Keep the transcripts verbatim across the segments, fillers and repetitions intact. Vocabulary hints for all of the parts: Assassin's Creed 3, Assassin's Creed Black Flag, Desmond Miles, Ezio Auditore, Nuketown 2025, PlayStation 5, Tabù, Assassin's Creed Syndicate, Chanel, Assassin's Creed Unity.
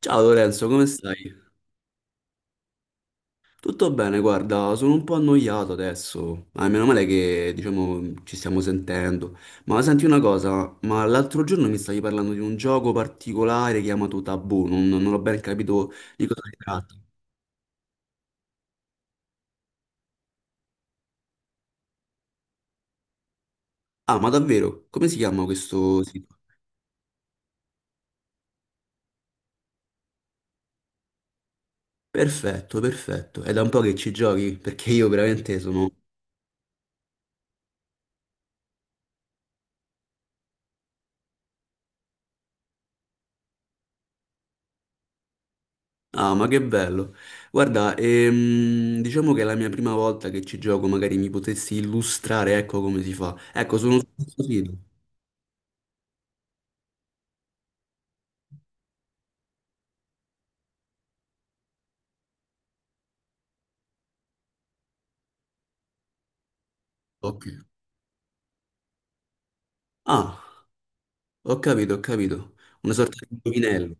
Ciao Lorenzo, come stai? Tutto bene, guarda, sono un po' annoiato adesso. Ah, meno male che, diciamo, ci stiamo sentendo. Ma senti una cosa, ma l'altro giorno mi stavi parlando di un gioco particolare chiamato Tabù, non, non ho ben capito di cosa si tratta. Ah, ma davvero? Come si chiama questo sito? Perfetto, perfetto. È da un po' che ci giochi, perché io veramente sono. Ah, ma che bello. Guarda, ehm, diciamo che è la mia prima volta che ci gioco, magari mi potessi illustrare, ecco come si fa. Ecco, sono sfuggito. Ok. Ah, ho capito, ho capito. Una sorta di indovinello.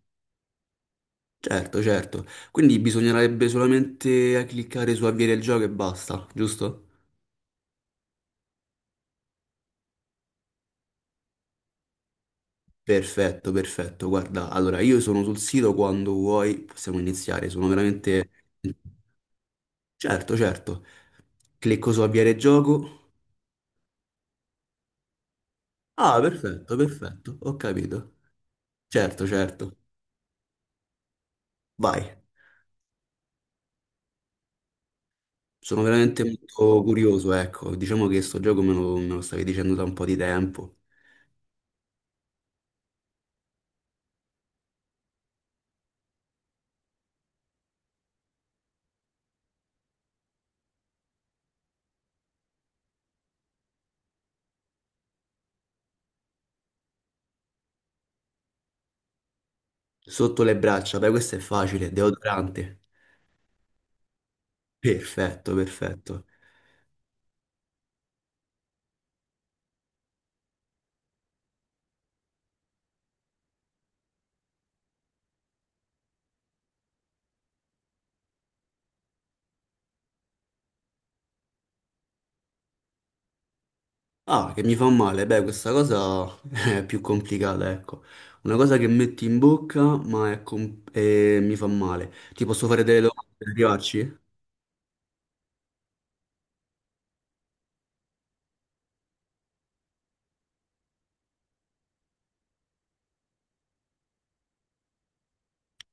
Certo, certo. Quindi bisognerebbe solamente a cliccare su avviare il gioco e basta, giusto? Perfetto, perfetto. Guarda, allora io sono sul sito quando vuoi, possiamo iniziare. Sono veramente... Certo, certo. Clicco su avviare gioco. Ah, perfetto, perfetto, ho capito. Certo, certo. Vai. Sono veramente molto curioso, ecco. Diciamo che sto gioco me lo, me lo stavi dicendo da un po' di tempo. Sotto le braccia, beh, questo è facile, deodorante. Perfetto, perfetto. Ah, che mi fa male, beh, questa cosa è più complicata, ecco. Una cosa che metti in bocca, ma è com- e mi fa male. Ti posso fare delle domande per arrivarci?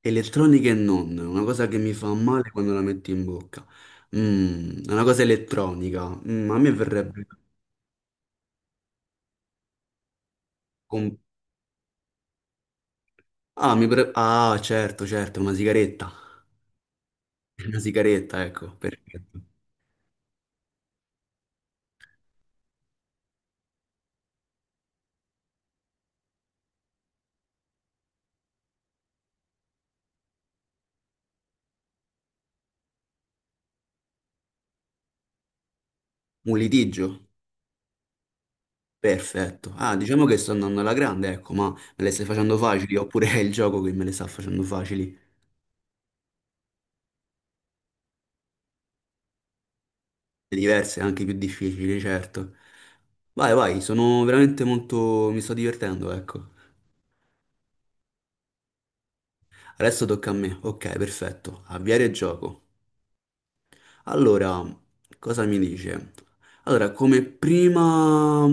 Elettronica e non, una cosa che mi fa male quando la metto in bocca. Mm, una cosa elettronica. Mm, a me verrebbe... con- Ah, mi pre- ah, certo, certo, una sigaretta. Una sigaretta, ecco, perfetto. Un litigio? Perfetto. Ah, diciamo che sto andando alla grande, ecco, ma me le stai facendo facili, oppure è il gioco che me le sta facendo facili. Diverse, anche più difficili, certo. Vai, vai, sono veramente molto... mi sto divertendo, ecco. Adesso tocca a me. Ok, perfetto. Avviare il gioco. Allora, cosa mi dice? Allora, come prima,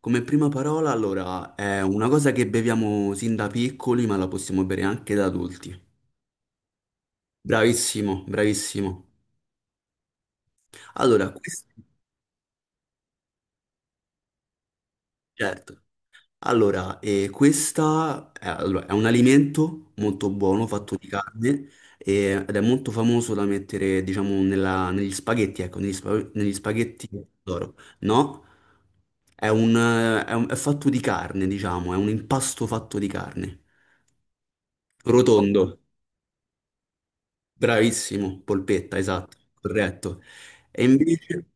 come prima parola, allora, è una cosa che beviamo sin da piccoli, ma la possiamo bere anche da adulti. Bravissimo, bravissimo. Allora, questo, certo. Allora, eh, questa è, allora, è un alimento molto buono, fatto di carne, eh, ed è molto famoso da mettere, diciamo, nella- negli spaghetti, ecco, negli, spa- negli spaghetti d'oro. No, è un, eh, è un- è fatto di carne, diciamo, è un impasto fatto di carne. Rotondo, bravissimo, polpetta, esatto, corretto. E invece...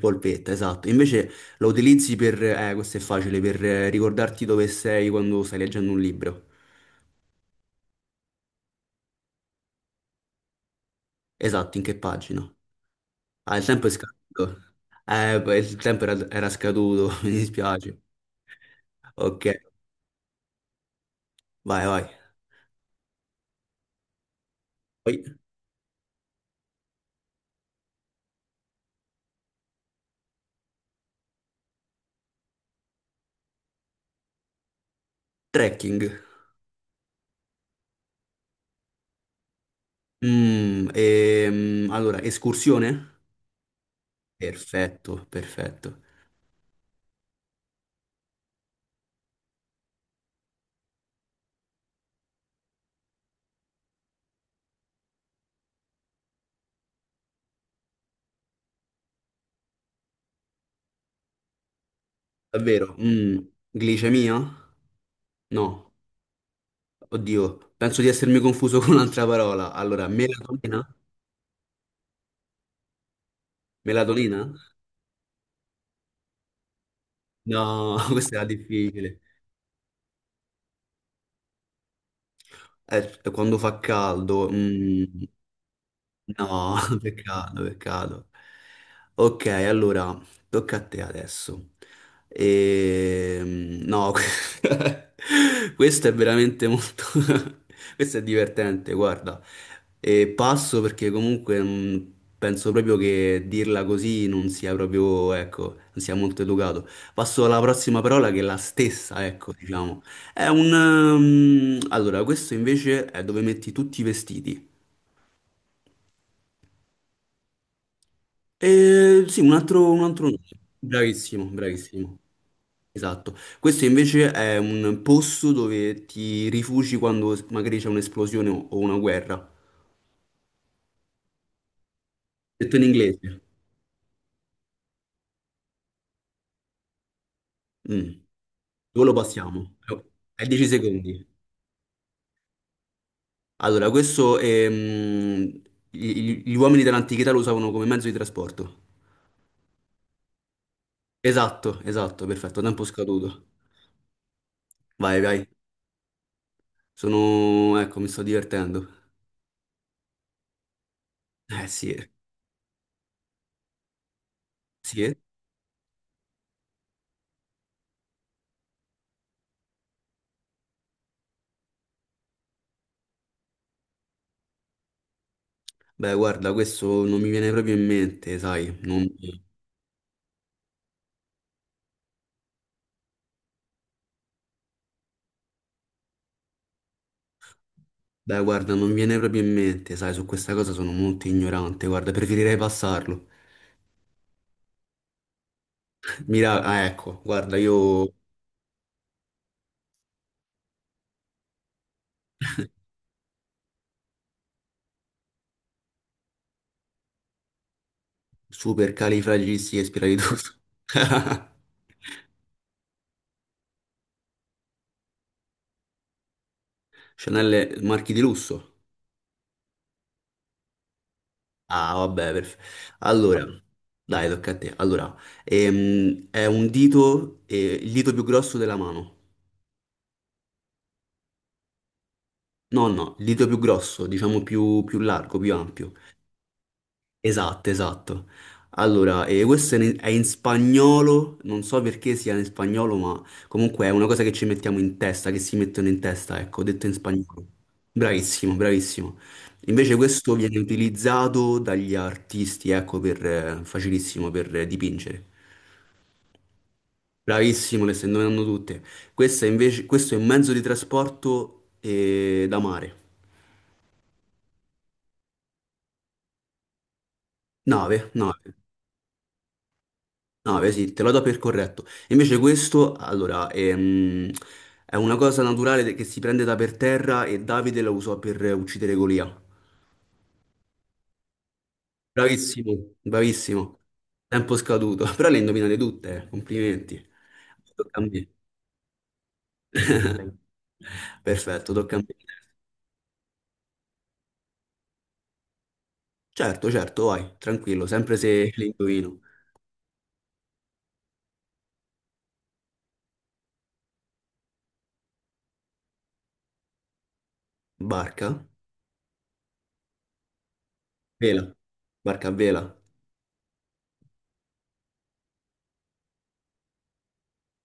Polpetta, esatto. Invece la utilizzi per... Eh, questo è facile, per eh, ricordarti dove sei quando stai leggendo un libro. Esatto, in che pagina? Ah, il tempo è scaduto. Eh, beh, il tempo era, era scaduto, mi dispiace. Ok, vai, vai. Poi, trekking. Mm, ehm, allora, escursione? Perfetto, perfetto. Davvero? Mm, glicemia? No. Oddio, penso di essermi confuso con un'altra parola. Allora, melatonina? Melatonina? No, questa era difficile. Eh, quando fa caldo, mm, no, peccato, peccato. Ok, allora, tocca a te adesso. Ehm, no, questo è veramente molto... questo è divertente, guarda. E passo perché comunque mh, penso proprio che dirla così non sia proprio, ecco, non sia molto educato. Passo alla prossima parola che è la stessa, ecco, diciamo. È un... ehm, allora, questo invece è dove metti tutti i vestiti. Eh, sì, un altro, un altro nome. Bravissimo, bravissimo. Esatto. Questo invece è un posto dove ti rifugi quando magari c'è un'esplosione o o una guerra. Detto in inglese. Mm. Dove lo passiamo? È dieci secondi. Allora, questo ehm, gli, gli uomini dell'antichità lo usavano come mezzo di trasporto. Esatto, esatto, perfetto. Tempo scaduto. Vai, vai. Sono... Ecco, mi sto divertendo. Eh sì, eh. Sì. Eh. Beh, guarda, questo non mi viene proprio in mente, sai, non... Beh, guarda, non mi viene proprio in mente, sai, su questa cosa sono molto ignorante, guarda, preferirei passarlo. Mira... Ah, ecco, guarda, io super califragilisticexpialidocious. Chanel marchi di lusso. Ah, vabbè, perfetto. Allora, dai, tocca a te. Allora, ehm, è un dito, eh, il dito più grosso della mano. No, no, il dito più grosso, diciamo più, più largo, più ampio. Esatto, esatto. Allora, eh, questo è in, è in, spagnolo, non so perché sia in spagnolo, ma comunque è una cosa che ci mettiamo in testa, che si mettono in testa, ecco, detto in spagnolo. Bravissimo, bravissimo. Invece questo viene utilizzato dagli artisti, ecco, per, eh, facilissimo per eh, dipingere. Bravissimo, le stai indovinando tutte. Questo è invece, questo è un mezzo di trasporto eh, da mare. Nave, nave. No, beh, sì, te lo do per corretto. Invece questo, allora, ehm, è una cosa naturale de- che si prende da per terra e Davide la usò per eh, uccidere Golia. Bravissimo, bravissimo. Tempo scaduto. Però le indovinate tutte, eh, complimenti. Tocca a me. Perfetto, tocca a me. Certo, certo, vai, tranquillo, sempre se le indovino. Barca, vela, barca a vela.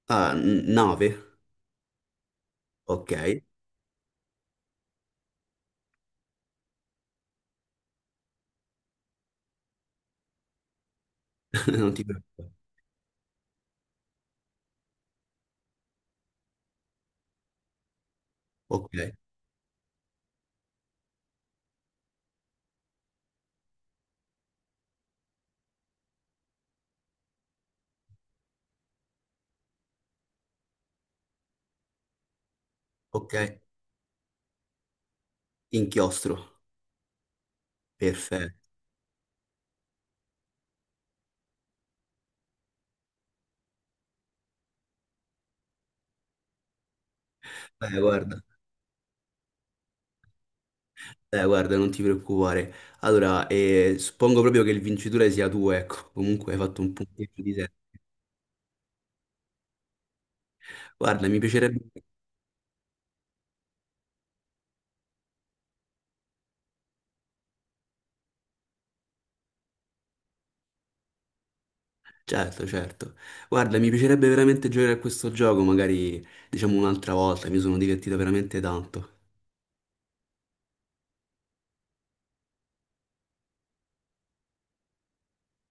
Ah, n- nave, ok. Non ti preoccupare. Ok, ok. Inchiostro, perfetto. Eh, guarda, eh, guarda, non ti preoccupare. Allora, eh, suppongo proprio che il vincitore sia tu, ecco. Comunque hai fatto un punteggio di sette. Guarda, mi piacerebbe... Certo, certo. Guarda, mi piacerebbe veramente giocare a questo gioco, magari diciamo un'altra volta, mi sono divertito veramente tanto.